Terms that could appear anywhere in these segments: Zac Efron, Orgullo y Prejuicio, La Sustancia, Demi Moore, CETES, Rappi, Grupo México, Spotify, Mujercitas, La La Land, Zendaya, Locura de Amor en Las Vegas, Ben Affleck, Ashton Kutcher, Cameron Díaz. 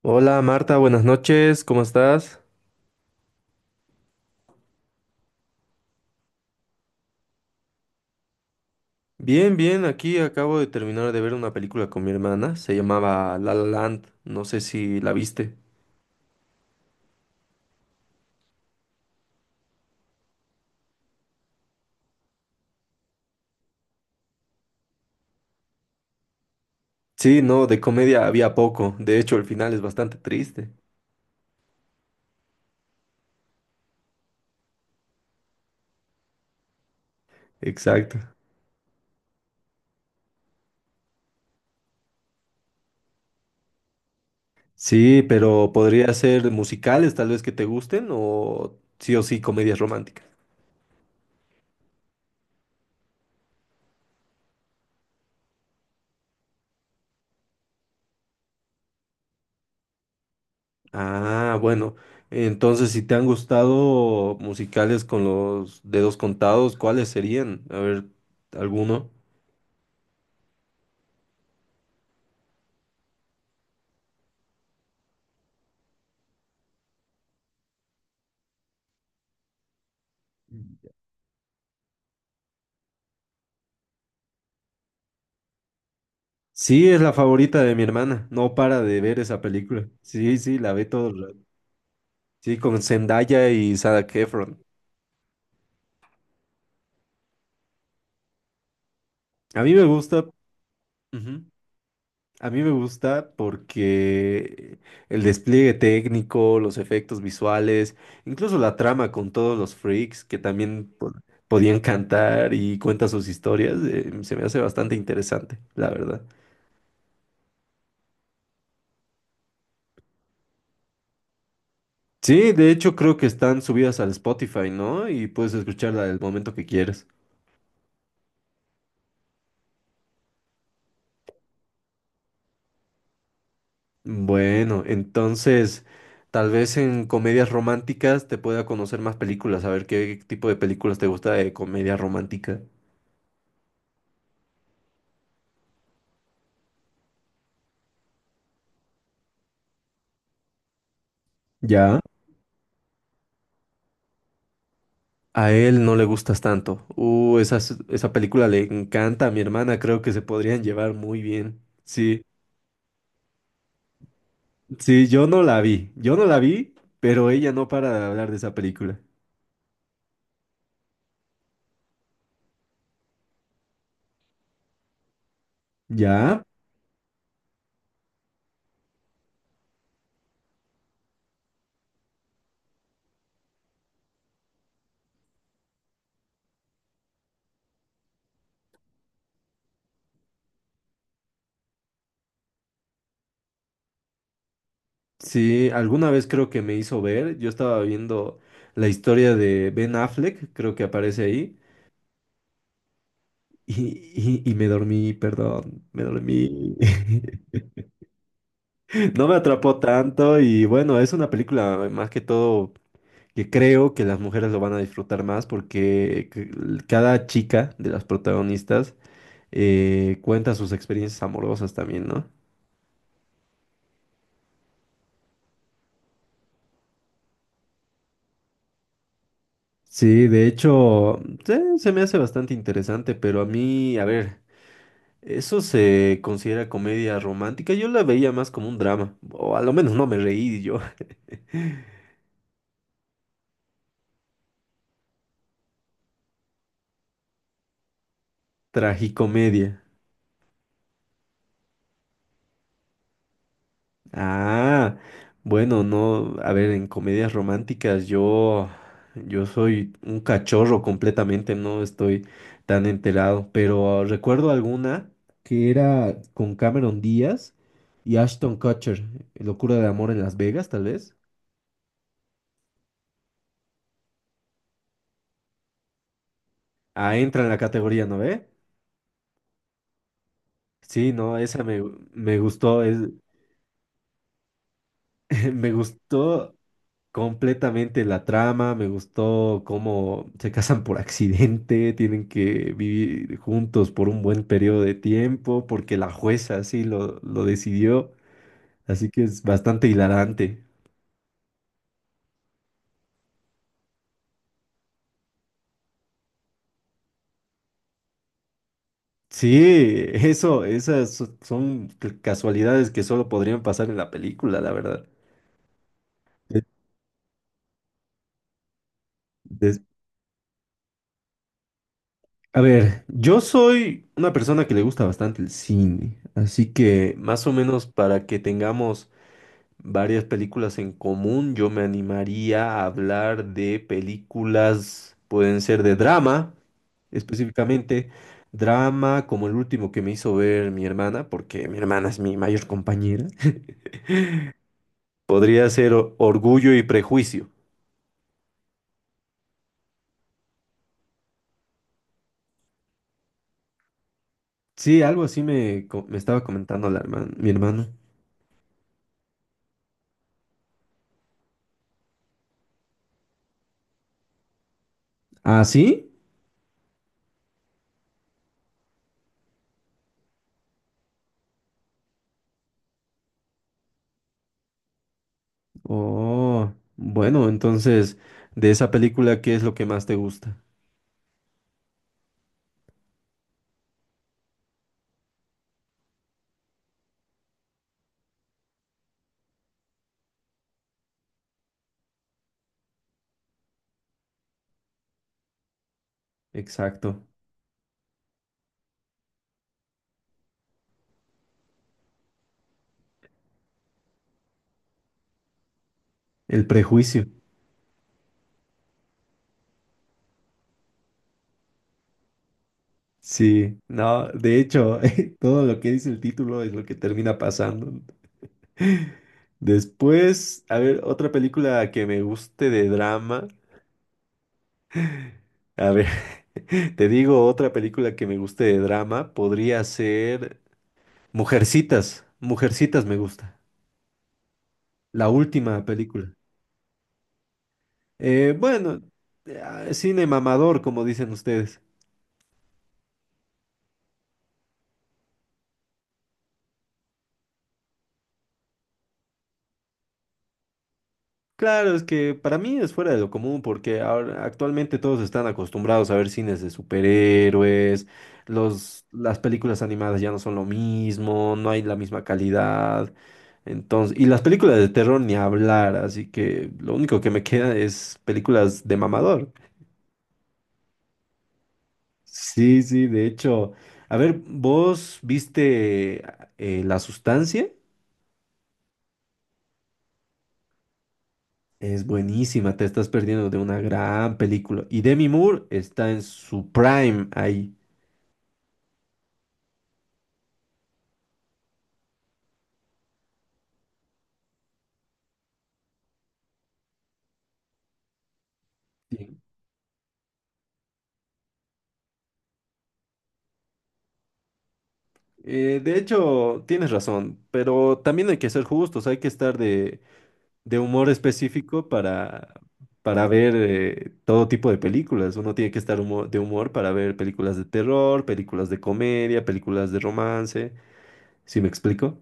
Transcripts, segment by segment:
Hola Marta, buenas noches, ¿cómo estás? Bien, aquí acabo de terminar de ver una película con mi hermana, se llamaba La La Land, no sé si la viste. Sí, no, de comedia había poco, de hecho el final es bastante triste. Exacto. Sí, pero podría ser musicales tal vez que te gusten o sí comedias románticas. Ah, bueno, entonces si te han gustado musicales con los dedos contados, ¿cuáles serían? A ver, ¿alguno? Sí, es la favorita de mi hermana. No para de ver esa película. Sí, sí, la ve todo el rato. Sí, con Zendaya y Zac Efron. A mí me gusta, ujú, a mí me gusta porque el despliegue técnico, los efectos visuales, incluso la trama con todos los freaks que también podían cantar y cuentan sus historias, se me hace bastante interesante, la verdad. Sí, de hecho creo que están subidas al Spotify, ¿no? Y puedes escucharla el momento que quieras. Bueno, entonces tal vez en comedias románticas te pueda conocer más películas, a ver qué tipo de películas te gusta de comedia romántica. Ya. A él no le gustas tanto. Esa, esa película le encanta a mi hermana, creo que se podrían llevar muy bien. Sí, sí, yo no la vi, pero ella no para de hablar de esa película. Ya. Sí, alguna vez creo que me hizo ver, yo estaba viendo la historia de Ben Affleck, creo que aparece ahí. Y me dormí, perdón, me dormí. No me atrapó tanto y bueno, es una película más que todo que creo que las mujeres lo van a disfrutar más porque cada chica de las protagonistas cuenta sus experiencias amorosas también, ¿no? Sí, de hecho, se me hace bastante interesante, pero a mí, a ver, eso se considera comedia romántica. Yo la veía más como un drama, o a lo menos no me reí yo. Tragicomedia. Ah, bueno, no, a ver, en comedias románticas yo, yo soy un cachorro completamente, no estoy tan enterado, pero recuerdo alguna que era con Cameron Díaz y Ashton Kutcher, Locura de Amor en Las Vegas, tal vez. Ah, entra en la categoría, ¿no ve? Sí, no, me gustó, me gustó completamente la trama, me gustó cómo se casan por accidente, tienen que vivir juntos por un buen periodo de tiempo, porque la jueza así lo decidió, así que es bastante hilarante. Sí, esas son casualidades que solo podrían pasar en la película, la verdad. De- des- a ver, yo soy una persona que le gusta bastante el cine, así que más o menos para que tengamos varias películas en común. Yo me animaría a hablar de películas, pueden ser de drama, específicamente drama como el último que me hizo ver mi hermana, porque mi hermana es mi mayor compañera. Podría ser Orgullo y Prejuicio. Sí, algo así me estaba comentando la mi hermano. ¿Ah, sí? Oh, bueno, entonces, de esa película, ¿qué es lo que más te gusta? Exacto, el prejuicio. Sí, no, de hecho, todo lo que dice el título es lo que termina pasando. Después, a ver, otra película que me guste de drama. A ver, te digo, otra película que me guste de drama podría ser Mujercitas. Mujercitas me gusta. La última película. Eh, bueno, cine mamador, como dicen ustedes. Claro, es que para mí es fuera de lo común porque ahora actualmente todos están acostumbrados a ver cines de superhéroes, las películas animadas ya no son lo mismo, no hay la misma calidad. Entonces, y las películas de terror ni hablar, así que lo único que me queda es películas de mamador. Sí, sí, de hecho, a ver, ¿vos viste La Sustancia? Es buenísima, te estás perdiendo de una gran película. Y Demi Moore está en su prime ahí. Sí. De hecho, tienes razón, pero también hay que ser justos, hay que estar de humor específico para ver todo tipo de películas. Uno tiene que estar de humor para ver películas de terror, películas de comedia, películas de romance. ¿Sí me explico?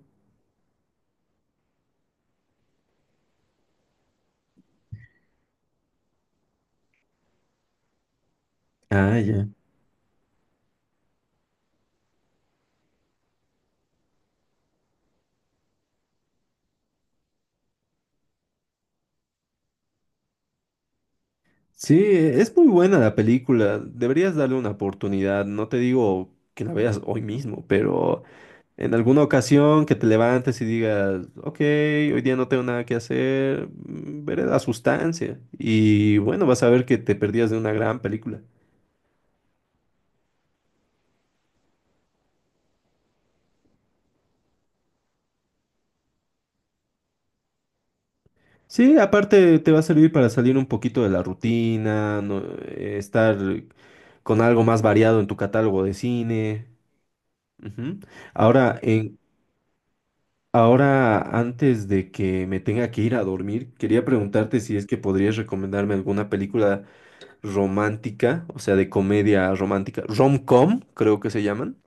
Ah, ya. Sí, es muy buena la película. Deberías darle una oportunidad. No te digo que la veas hoy mismo, pero... En alguna ocasión que te levantes y digas, ok, hoy día no tengo nada que hacer, veré la sustancia. Y bueno, vas a ver que te perdías de una gran película. Sí, aparte te va a servir para salir un poquito de la rutina, estar con algo más variado en tu catálogo de cine. Ujú. Ahora, en, ahora, antes de que me tenga que ir a dormir, quería preguntarte si es que podrías recomendarme alguna película romántica, o sea, de comedia romántica, rom-com, creo que se llaman,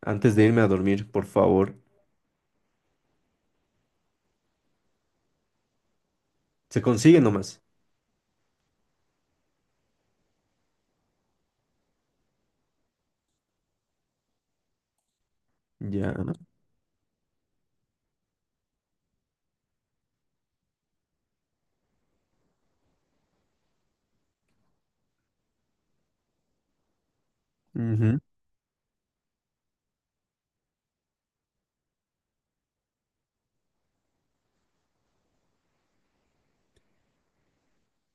antes de irme a dormir, por favor. Se consigue nomás. Ya. Ujú.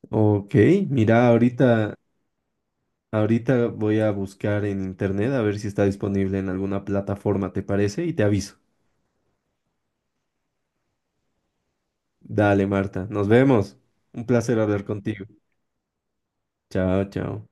Ok, mira, ahorita, ahorita voy a buscar en internet a ver si está disponible en alguna plataforma, ¿te parece? Y te aviso. Dale, Marta, nos vemos. Un placer hablar contigo. Chao, chao.